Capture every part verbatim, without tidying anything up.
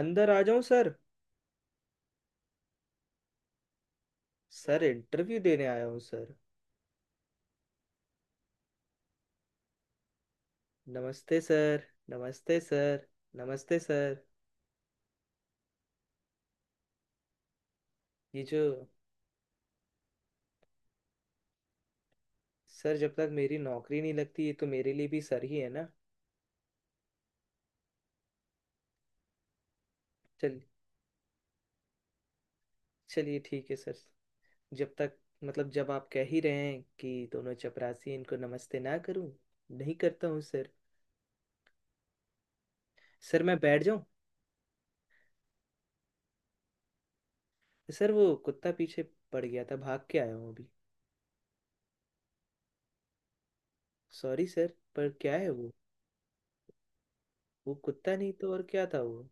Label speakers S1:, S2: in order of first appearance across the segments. S1: अंदर आ जाऊं सर। सर, इंटरव्यू देने आया हूँ सर। नमस्ते सर। नमस्ते सर। नमस्ते सर। ये जो, सर जब तक मेरी नौकरी नहीं लगती, ये तो मेरे लिए भी सर ही है ना। चल, चलिए ठीक है सर। जब तक, मतलब जब आप कह ही रहे हैं कि दोनों चपरासी इनको नमस्ते ना करूं, नहीं करता हूँ सर। सर मैं बैठ जाऊं। सर वो कुत्ता पीछे पड़ गया था, भाग के आया हूँ अभी। सॉरी सर, पर क्या है वो? वो कुत्ता नहीं तो और क्या था वो?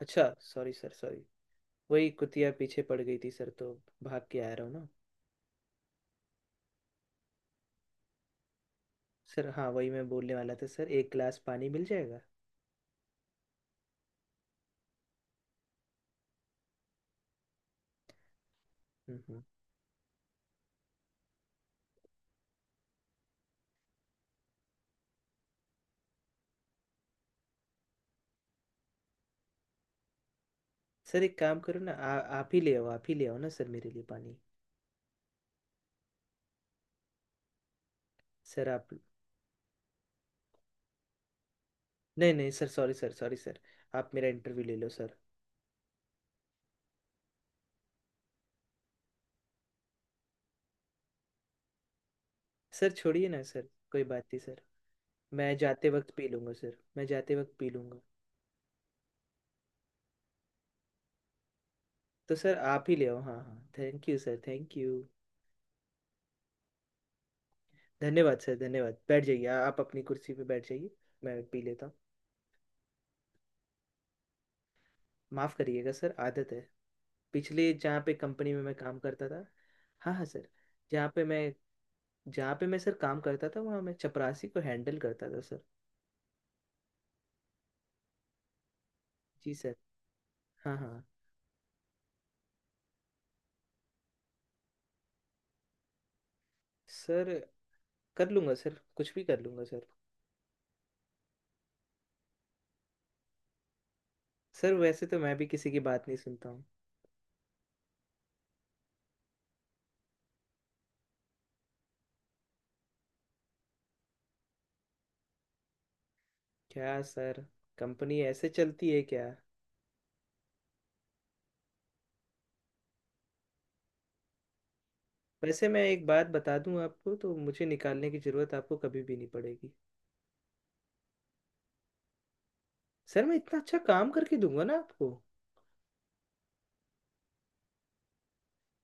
S1: अच्छा, सॉरी सर सॉरी। वही कुतिया पीछे पड़ गई थी सर, तो भाग के आ रहा हूँ ना। सर हाँ, वही मैं बोलने वाला था सर, एक गिलास पानी मिल जाएगा। हम्म हम्म। सर एक काम करो ना, आ, आप ही ले आओ, आप ही ले आओ ना सर मेरे लिए पानी। सर आप। नहीं नहीं sir, sorry sir sorry sir. आप मेरा इंटरव्यू ले लो सर। सर छोड़िए ना सर, कोई बात नहीं सर। मैं जाते वक्त पी लूँगा सर, मैं जाते वक्त पी लूँगा। तो सर आप ही ले आओ। हाँ हाँ, thank you sir, thank you. धन्यवाद सर धन्यवाद। बैठ जाइए, आ- आप अपनी कुर्सी पे बैठ जाइए। मैं पी लेता हूँ। माफ करिएगा सर, आदत है। पिछले जहाँ पे कंपनी में मैं काम करता था। हाँ हाँ सर। जहाँ पे मैं जहाँ पे मैं सर काम करता था, वहाँ मैं चपरासी को हैंडल करता था सर। जी सर। हाँ हाँ सर। कर लूँगा सर, कुछ भी कर लूँगा सर। सर वैसे तो मैं भी किसी की बात नहीं सुनता हूँ। क्या सर, कंपनी ऐसे चलती है क्या? वैसे मैं एक बात बता दूँ आपको, तो मुझे निकालने की ज़रूरत आपको कभी भी नहीं पड़ेगी। सर मैं इतना अच्छा काम करके दूंगा ना आपको।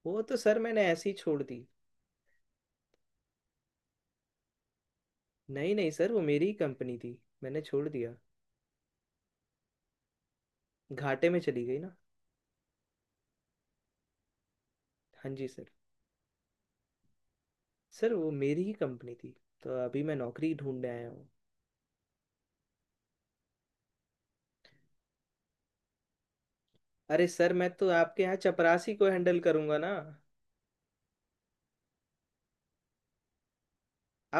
S1: वो तो सर मैंने ऐसे ही छोड़ दी। नहीं नहीं सर, वो मेरी ही कंपनी थी। मैंने छोड़ दिया। घाटे में चली गई ना। हाँ जी सर। सर वो मेरी ही कंपनी थी, तो अभी मैं नौकरी ढूंढने आया हूँ। अरे सर, मैं तो आपके यहाँ चपरासी को हैंडल करूँगा ना।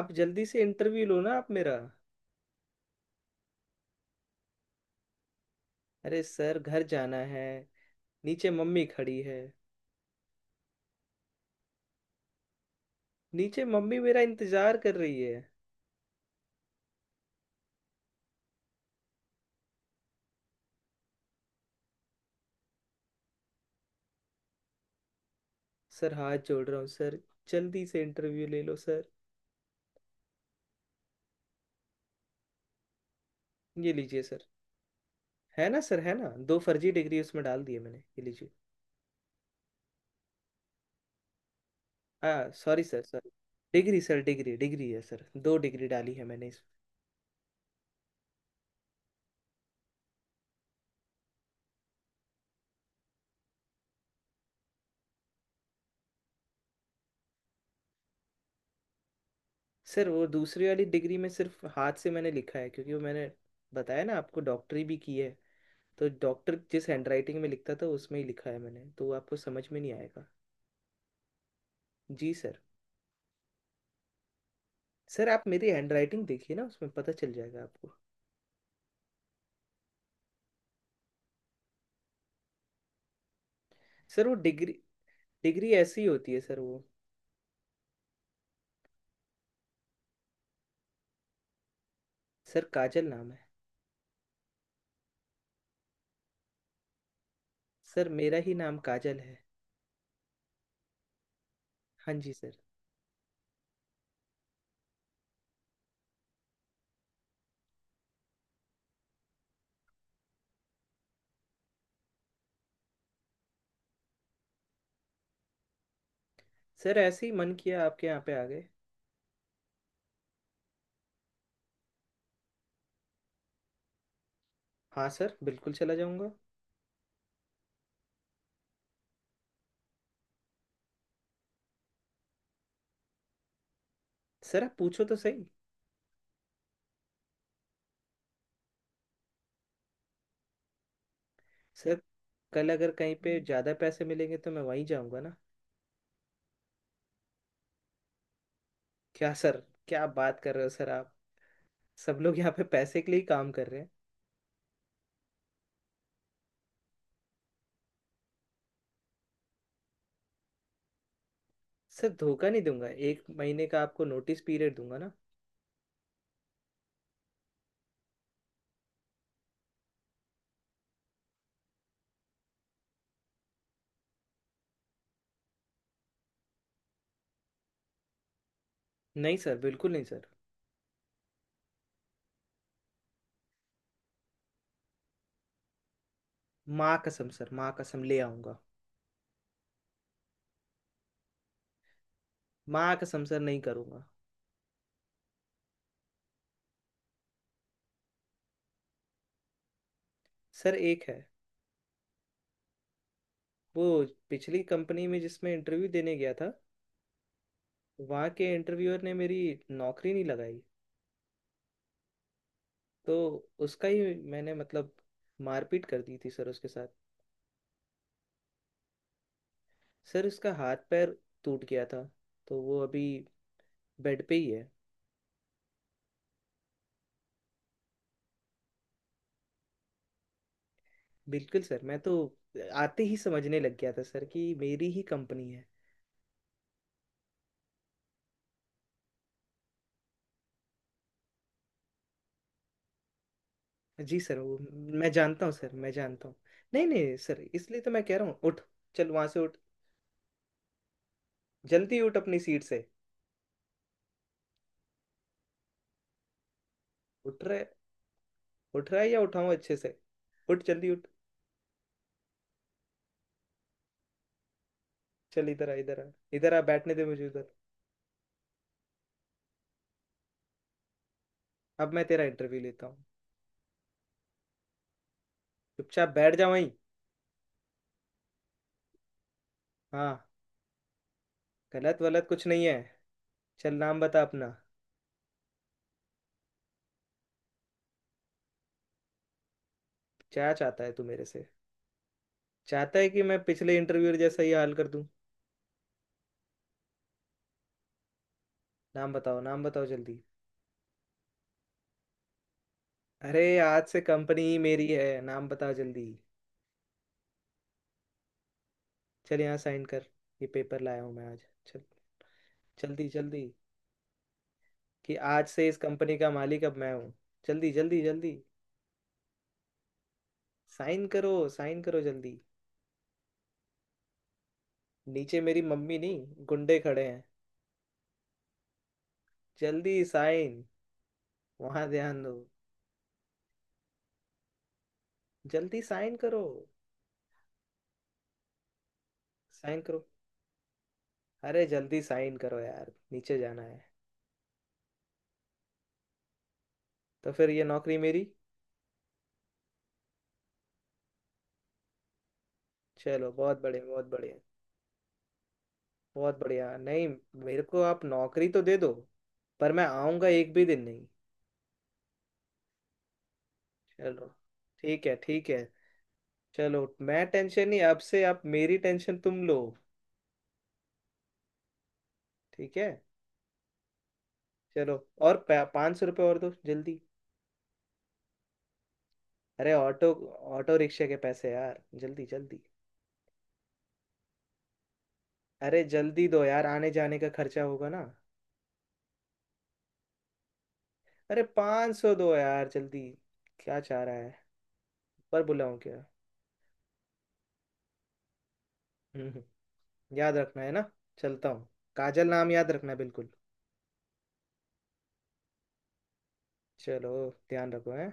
S1: आप जल्दी से इंटरव्यू लो ना आप मेरा। अरे सर, घर जाना है। नीचे मम्मी खड़ी है। नीचे मम्मी मेरा इंतजार कर रही है। सर हाथ जोड़ रहा हूँ सर, जल्दी से इंटरव्यू ले लो सर। ये लीजिए सर। है ना सर, है ना, दो फर्जी डिग्री उसमें डाल दिए मैंने, ये लीजिए। हाँ sorry sir sorry. Degree sir, degree degree है सर, दो डिग्री डाली है मैंने इस। सर वो दूसरी वाली डिग्री में सिर्फ हाथ से मैंने लिखा है, क्योंकि वो मैंने बताया ना आपको, डॉक्टरी भी की है। तो डॉक्टर जिस हैंडराइटिंग में लिखता था उसमें ही लिखा है मैंने, तो वो आपको समझ में नहीं आएगा। जी सर। सर आप मेरी हैंडराइटिंग देखिए ना, उसमें पता चल जाएगा आपको। सर वो डिग्री, डिग्री ऐसी होती है सर वो। सर काजल नाम है। सर मेरा ही नाम काजल है। हाँ जी सर। सर ऐसे ही मन किया, आपके यहाँ पे आ गए। हाँ सर, बिल्कुल चला जाऊँगा। सर आप पूछो तो सही। सर कल अगर कहीं पे ज्यादा पैसे मिलेंगे, तो मैं वहीं जाऊंगा ना। क्या सर, क्या बात कर रहे हो सर आप। सब लोग यहाँ पे पैसे के लिए ही काम कर रहे हैं। सर धोखा नहीं दूंगा, एक महीने का आपको नोटिस पीरियड दूंगा ना। नहीं सर, बिल्कुल नहीं सर। माँ कसम सर, माँ कसम ले आऊंगा। माँ कसम सर, नहीं करूंगा। सर एक है। वो पिछली कंपनी में जिसमें इंटरव्यू देने गया था, वहाँ के इंटरव्यूअर ने मेरी नौकरी नहीं लगाई। तो उसका ही मैंने, मतलब, मारपीट कर दी थी सर उसके साथ। सर उसका हाथ पैर टूट गया था, तो वो अभी बेड पे ही है। बिल्कुल सर, मैं तो आते ही समझने लग गया था सर कि मेरी ही कंपनी है। जी सर वो। मैं जानता हूँ सर, मैं जानता हूँ। नहीं नहीं सर, इसलिए तो मैं कह रहा हूँ। उठ, चल वहां से उठ। जल्दी उठ अपनी सीट से। उठ रहा है? उठ रहा है या उठाऊं अच्छे से? उठ, जल्दी उठ। चल इधर आ, इधर आ। इधर आ, बैठने दे मुझे उधर। अब मैं तेरा इंटरव्यू लेता हूँ। चुपचाप बैठ जा वहीं। हाँ। गलत वलत कुछ नहीं है। चल नाम बता अपना। क्या चाहता है तू मेरे से? चाहता है कि मैं पिछले इंटरव्यू जैसा ही हाल कर दूं? नाम बताओ, नाम बताओ जल्दी। अरे आज से कंपनी ही मेरी है, नाम बताओ जल्दी। चल यहाँ साइन कर। ये पेपर लाया हूँ मैं आज। चल जल्दी जल्दी। कि आज से इस कंपनी का मालिक अब मैं हूँ। जल्दी जल्दी जल्दी। साइन करो, साइन करो जल्दी। नीचे मेरी मम्मी नहीं, गुंडे खड़े हैं। जल्दी साइन। वहां ध्यान दो। जल्दी साइन करो। साइन करो। अरे जल्दी साइन करो यार, नीचे जाना है। तो फिर ये नौकरी मेरी? चलो बहुत बढ़िया, बहुत बढ़िया। बहुत बढ़िया नहीं। मेरे को आप नौकरी तो दे दो, पर मैं आऊंगा एक भी दिन नहीं। चलो ठीक है, ठीक है। चलो मैं टेंशन नहीं, अब से आप मेरी टेंशन तुम लो। ठीक है। चलो, और पाँच सौ रुपये और दो जल्दी। अरे ऑटो, ऑटो रिक्शा के पैसे यार, जल्दी जल्दी। अरे जल्दी दो यार, आने जाने का खर्चा होगा ना। अरे पाँच सौ दो यार जल्दी। क्या चाह रहा है? पर बुलाऊं क्या? हम्म हम्म, याद रखना है ना। चलता हूँ। काजल नाम याद रखना, बिल्कुल। चलो, ध्यान रखो है।